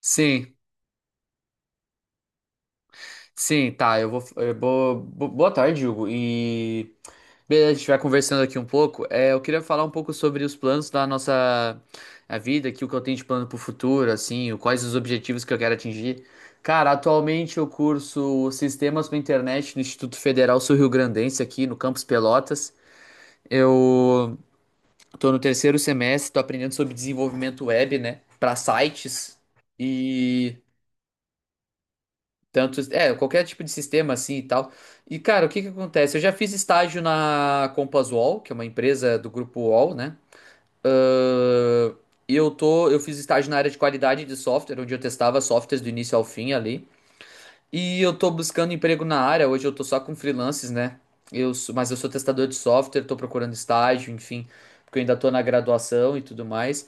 Sim, sim, tá. Boa tarde, Hugo. E beleza, a gente vai conversando aqui um pouco. É, eu queria falar um pouco sobre os planos da nossa a vida, aqui, o que eu tenho de plano pro futuro, assim, quais os objetivos que eu quero atingir. Cara, atualmente eu curso Sistemas para Internet no Instituto Federal Sul-Rio-Grandense, aqui no Campus Pelotas. Eu tô no terceiro semestre, tô aprendendo sobre desenvolvimento web, né, para sites. e Tanto, é, qualquer tipo de sistema assim e tal. E, cara, o que que acontece? Eu já fiz estágio na Compass UOL, que é uma empresa do grupo UOL, né? Ahn, E eu fiz estágio na área de qualidade de software, onde eu testava softwares do início ao fim ali. E eu tô buscando emprego na área, hoje eu tô só com freelances, né? Mas eu sou testador de software, tô procurando estágio, enfim, porque eu ainda tô na graduação e tudo mais.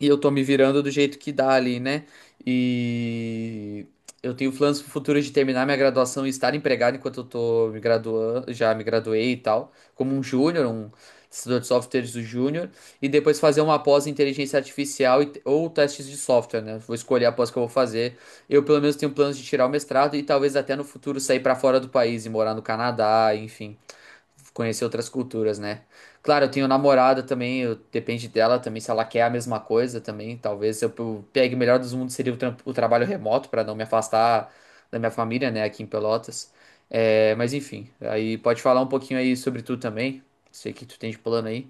E eu tô me virando do jeito que dá ali, né? E eu tenho planos futuros de terminar minha graduação e estar empregado enquanto eu tô me graduando, já me graduei e tal, como um júnior, um testador de softwares do júnior, e depois fazer uma pós em inteligência artificial ou testes de software, né? Vou escolher a pós que eu vou fazer. Eu pelo menos tenho planos de tirar o mestrado e talvez até no futuro sair pra fora do país e morar no Canadá, enfim conhecer outras culturas, né? Claro, eu tenho namorada também, depende dela também, se ela quer a mesma coisa também. Pegue o melhor dos mundos seria o trabalho remoto para não me afastar da minha família, né, aqui em Pelotas. É, mas enfim, aí pode falar um pouquinho aí sobre tu também. Sei que tu tem de plano aí.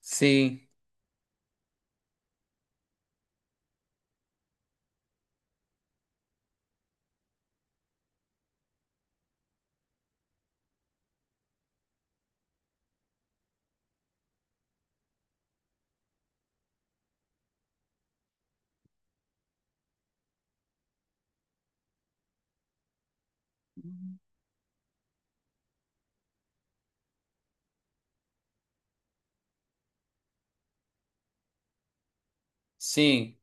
Sim, sim,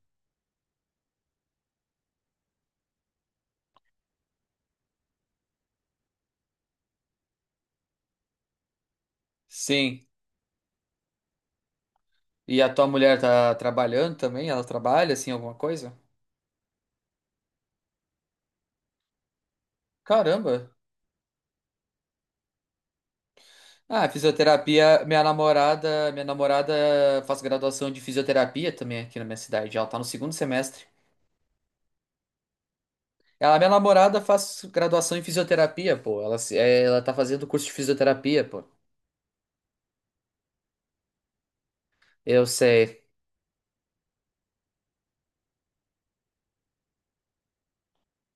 sim. E a tua mulher tá trabalhando também? Ela trabalha assim alguma coisa? Caramba! Ah, fisioterapia, minha namorada faz graduação de fisioterapia também aqui na minha cidade. Ela tá no segundo semestre. Minha namorada faz graduação em fisioterapia, pô. Ela, se- é, Ela tá fazendo curso de fisioterapia, pô. Eu sei.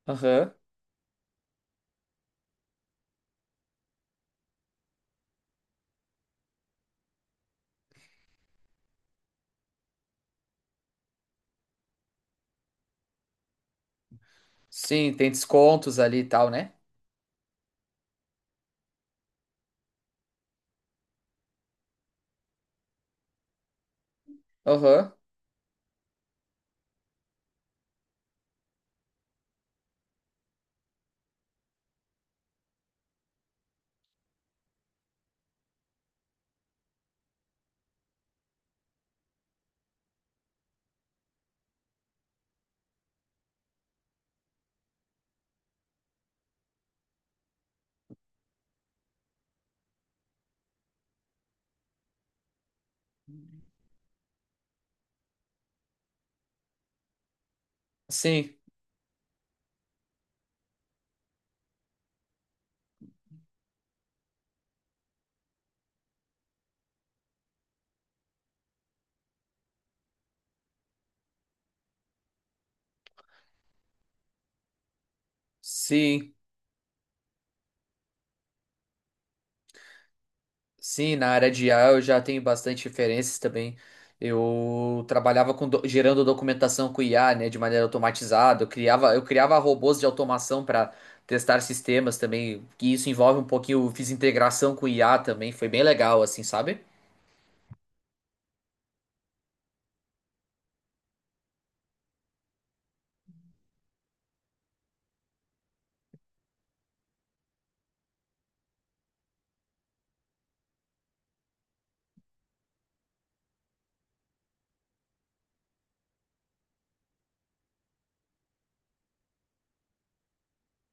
Aham. Sim, tem descontos ali e tal, né? Aham. Sim. Sim. Sim, na área de IA eu já tenho bastante referências também. Eu trabalhava gerando documentação com IA, né, de maneira automatizada. Eu criava robôs de automação para testar sistemas também. Que isso envolve um pouquinho, eu fiz integração com IA também, foi bem legal assim, sabe?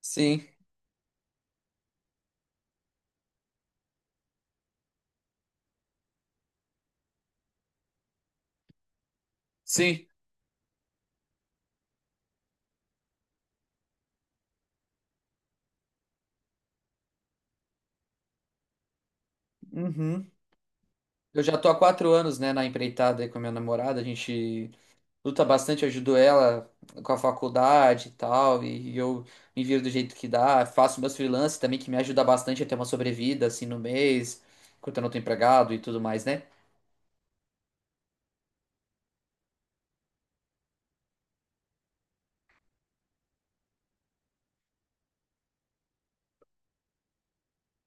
Sim, sim. Uhum. Eu já tô há 4 anos, né, na empreitada aí com a minha namorada. A gente luta bastante, ajudou ela com a faculdade e tal, e eu me viro do jeito que dá, faço meus freelances também, que me ajuda bastante a ter uma sobrevida, assim, no mês, enquanto eu não tô empregado e tudo mais, né?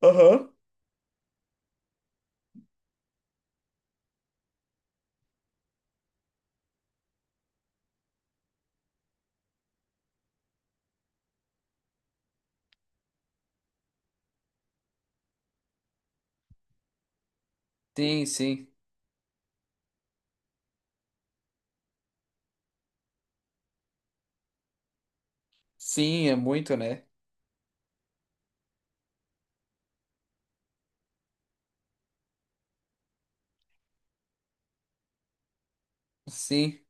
Aham. Sim, sim. Sim, é muito, né? Sim.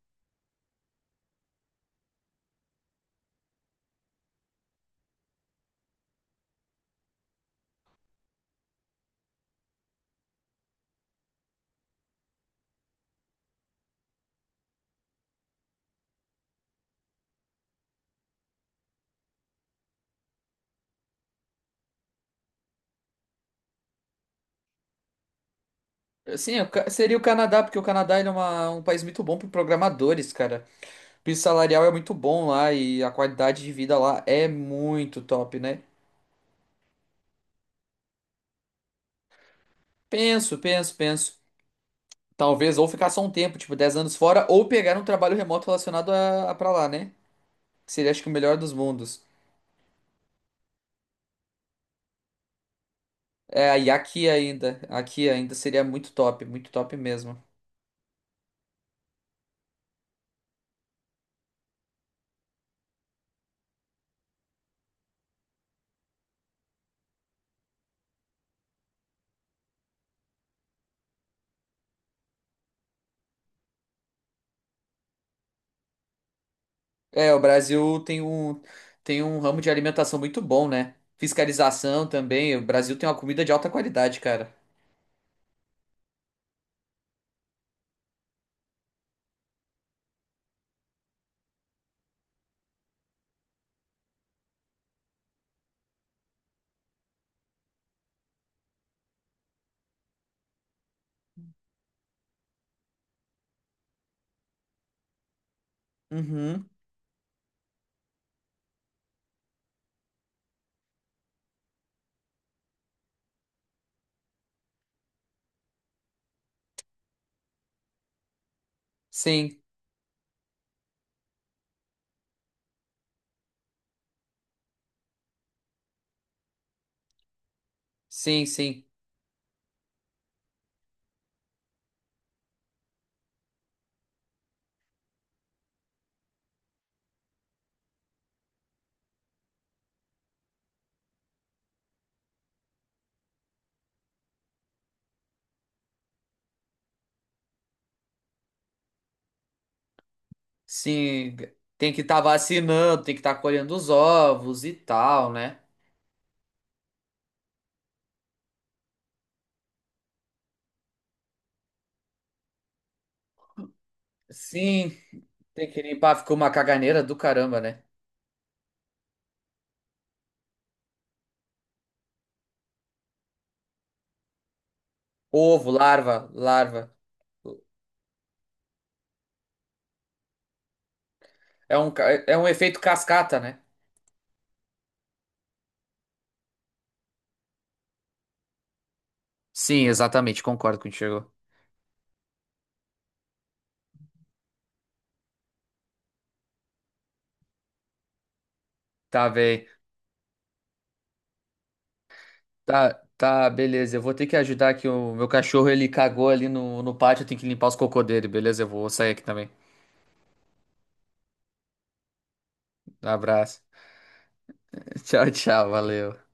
Seria o Canadá, porque o Canadá ele é um país muito bom para programadores, cara. O piso salarial é muito bom lá e a qualidade de vida lá é muito top, né? Penso, penso, penso. Talvez ou ficar só um tempo, tipo 10 anos fora, ou pegar um trabalho remoto relacionado a pra lá, né? Que seria acho que o melhor dos mundos. É, e aqui ainda seria muito top mesmo. É, o Brasil tem um, tem um ramo de alimentação muito bom, né? Fiscalização também. O Brasil tem uma comida de alta qualidade, cara. Uhum. Sim, sim, sim. Sim, tem que estar vacinando, tem que estar colhendo os ovos e tal, né? Sim, tem que limpar, ficou uma caganeira do caramba, né? Ovo, larva, larva. É um efeito cascata, né? Sim, exatamente, concordo contigo. Tá bem. Tá, tá, beleza. Eu vou ter que ajudar aqui o meu cachorro, ele cagou ali no pátio, eu tenho que limpar os cocô dele, beleza? Eu vou sair aqui também. Abraço. Tchau, tchau, valeu.